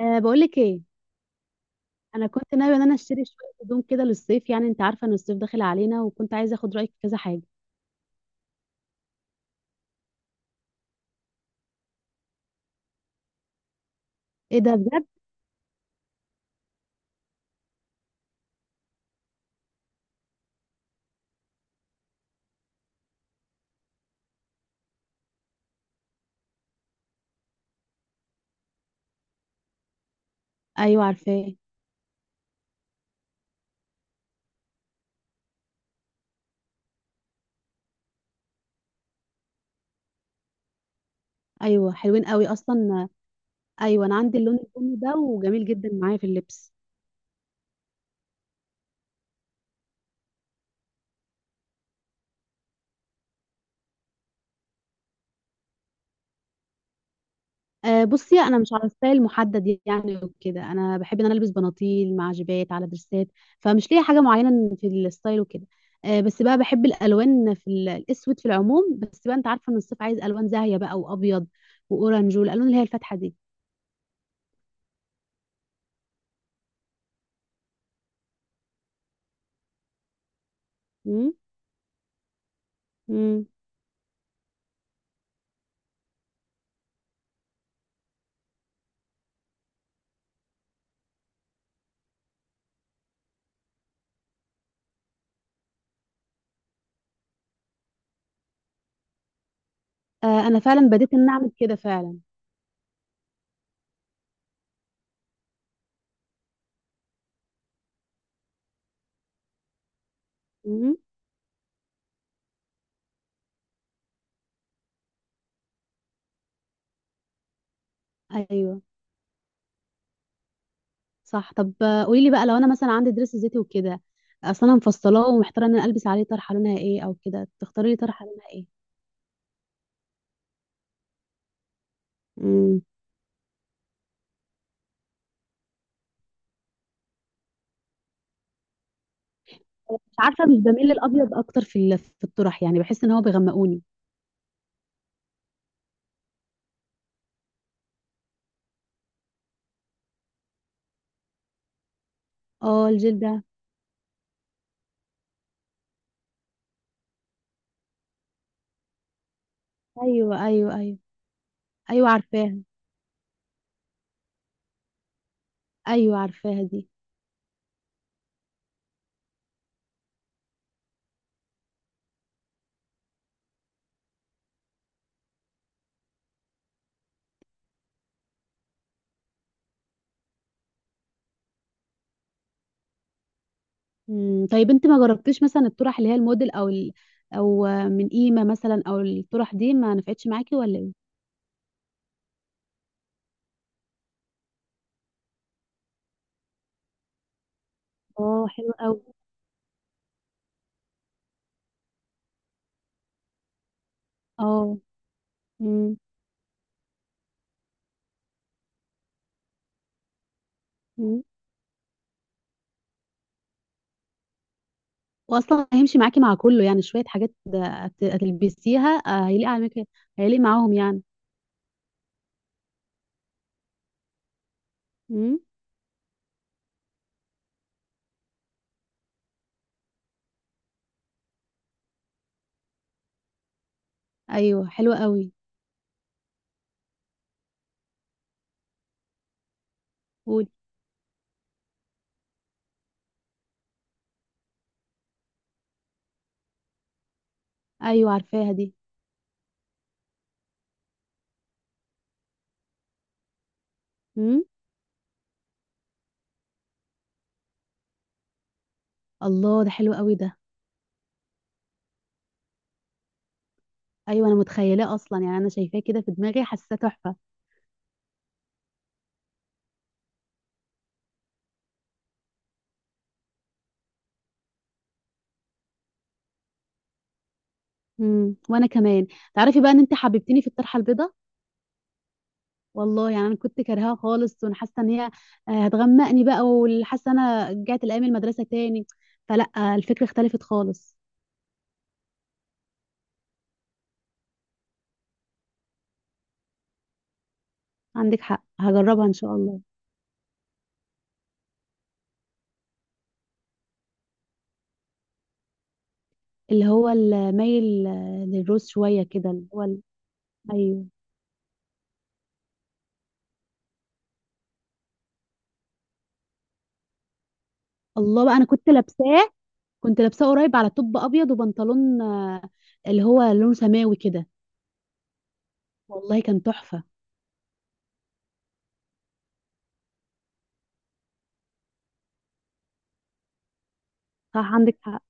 بقول لك ايه. انا كنت ناويه ان انا اشتري شويه هدوم كده للصيف، يعني انت عارفه ان الصيف داخل علينا، وكنت عايزه اخد رايك في كذا حاجه. ايه ده بجد؟ ايوه عارفاه. ايوه حلوين قوي اصلا. ايوه انا عندي اللون البني ده وجميل جدا معايا في اللبس. بصي، انا مش على ستايل محدد يعني وكده. انا بحب ان انا البس بناطيل مع جيبات على درسات، فمش ليا حاجه معينه في الستايل وكده. بس بقى بحب الالوان، في الاسود في العموم، بس بقى انت عارفه ان الصيف عايز الوان زاهيه بقى، وابيض واورنج والالوان اللي هي الفاتحه دي. مم. آه، انا فعلا بديت ان اعمل كده فعلا. مم. ايوه صح. طب قولي لي بقى، لو انا مثلا عندي درس زيتي وكده، اصلا انا مفصلاه ومحتاره ان انا البس عليه طرحه لونها ايه، او كده تختاري لي طرحه لونها ايه. مم. مش عارفه، مش بميل للابيض اكتر في في الطرح، يعني بحس ان هو بيغمقوني. اه الجلد ده. ايوه ايوه ايوه. ايوه عارفاها. ايوه عارفاها دي. مم. طيب انت ما جربتيش مثلا الطرح اللي هي الموديل او ال... او من قيمه مثلا، او الطرح دي ما نفعتش معاكي ولا ايه؟ اه حلو قوي. اه. مم. مم. واصلا هيمشي معاكي مع كله، يعني شويه حاجات هتلبسيها، هيليق على مك... هيليق معاهم يعني. مم. ايوه حلوه قوي. قولي. ايوه عارفاها دي. مم. الله، ده حلو قوي ده. ايوه انا متخيلاه اصلا، يعني انا شايفاه كده في دماغي، حاساه تحفه. مم، وانا كمان. تعرفي بقى ان انت حببتني في الطرحه البيضاء. والله يعني انا كنت كارهاها خالص، وانا حاسه ان هي هتغمقني بقى، وحاسه انا رجعت لايام المدرسه تاني. فلا، الفكره اختلفت خالص. عندك حق، هجربها ان شاء الله. اللي هو المايل للروز شويه كده، اللي هو ال... ايوه. الله بقى، انا كنت لابساه. كنت لابساه قريب على توب ابيض وبنطلون، اللي هو لون سماوي كده. والله كان تحفه. صح عندك حق.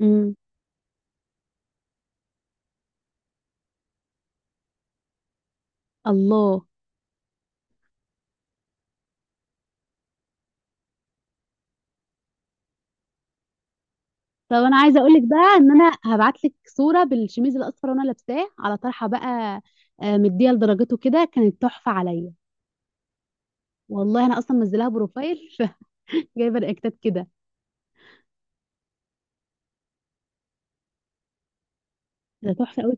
امم. الله. طب انا عايزه اقول لك بقى ان انا هبعت لك صوره بالشميز الاصفر وانا لابساه على طرحه بقى. مديه لدرجته كده، كانت تحفه عليا. والله انا اصلا منزلاها بروفايل. جايبه رياكتات كده. ده تحفه قوي.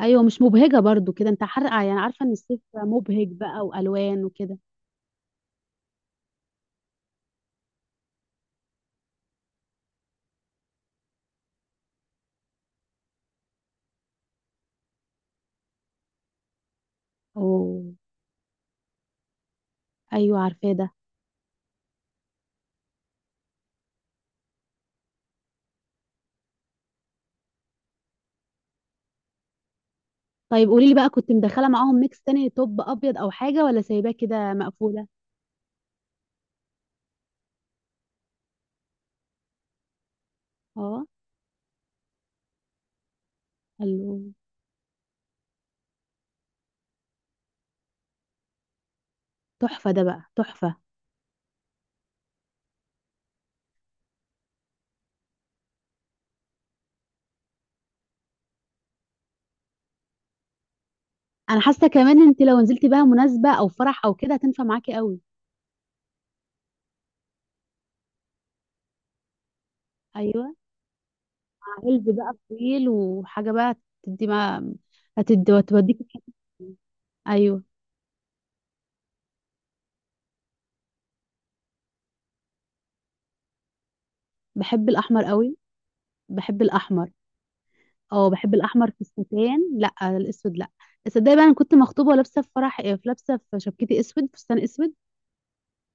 ايوه مش مبهجه برضو كده. انت حر... يعني عارفه ان الصيف مبهج بقى، والوان وكده. اوه. ايوه عارفاه ده. طيب قولي لي بقى، كنت مدخله معاهم ميكس تاني، توب ابيض او حاجه، ولا سايباه كده مقفوله؟ اه. قالوا. تحفه ده بقى، تحفه. انا حاسه كمان انت لو نزلتي بقى مناسبه او فرح او كده، هتنفع معاكي قوي. ايوه. مع هيلز بقى طويل وحاجه بقى، تدي ما، هتدي هتوديكي في حتة. ايوه. بحب الاحمر قوي. بحب الاحمر. اه بحب الاحمر في الستان، لا الاسود لا. تصدقي بقى انا كنت مخطوبه ولابسه في فرح، في لابسه في شبكتي اسود، فستان اسود.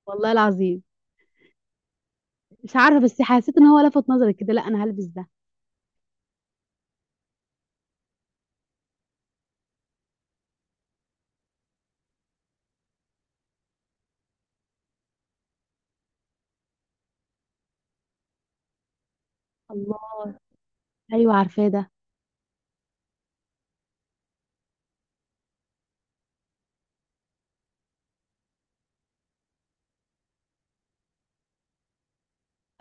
والله العظيم. مش عارفه، بس حسيت ان هو لفت نظري كده، لا انا هلبس ده. الله. ايوه عارفاه ده.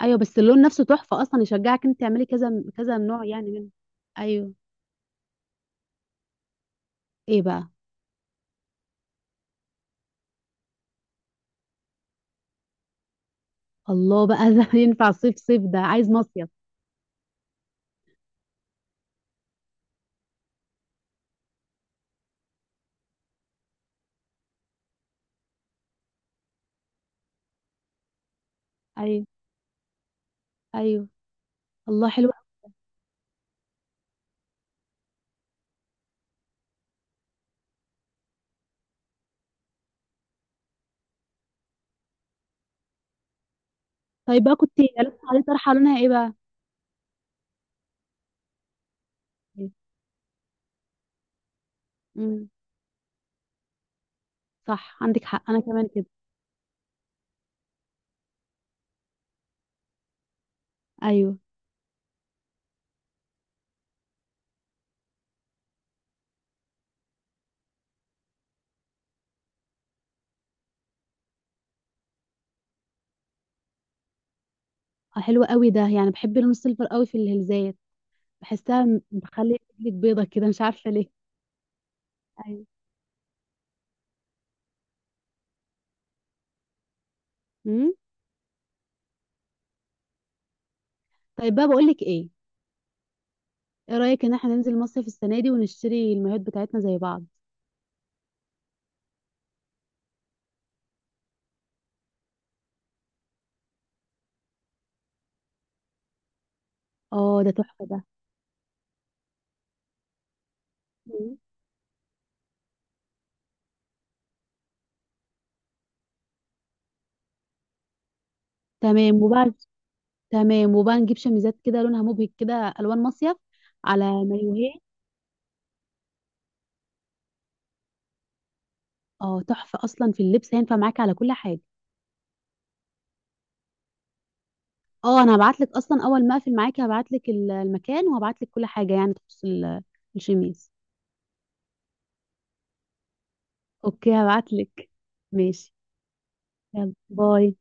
ايوه، بس اللون نفسه تحفه اصلا، يشجعك انت تعملي كذا كذا نوع يعني منه. ايوه. ايه بقى؟ الله بقى ده. ينفع صيف؟ صيف ده عايز مصيف. ايوه. ايوه. الله حلو أوي. طيب بقى، كنت لابسه عليه طرحه لونها ايه بقى؟ امم. صح عندك حق، انا كمان كده. ايوه. حلو قوي ده، يعني بحب اللون السيلفر قوي في الهلزات. بحسها بخلي رجلك بيضة كده، مش عارفة ليه. ايوه. امم. طيب بقى، بقول لك ايه، ايه رأيك ان احنا ننزل مصيف السنة دي ونشتري المايوهات بتاعتنا زي بعض؟ اه ده تحفة ده. مم. تمام. وبعد تمام، وبقى نجيب شميزات كده لونها مبهج كده، الوان مصيف على مايوهات. اه تحفة اصلا في اللبس، هينفع معاكي على كل حاجة. اه انا هبعت لك اصلا، اول ما اقفل معاكي هبعت لك المكان، وهبعت لك كل حاجة يعني تخص الشميز. اوكي، هبعت لك. ماشي، يلا باي.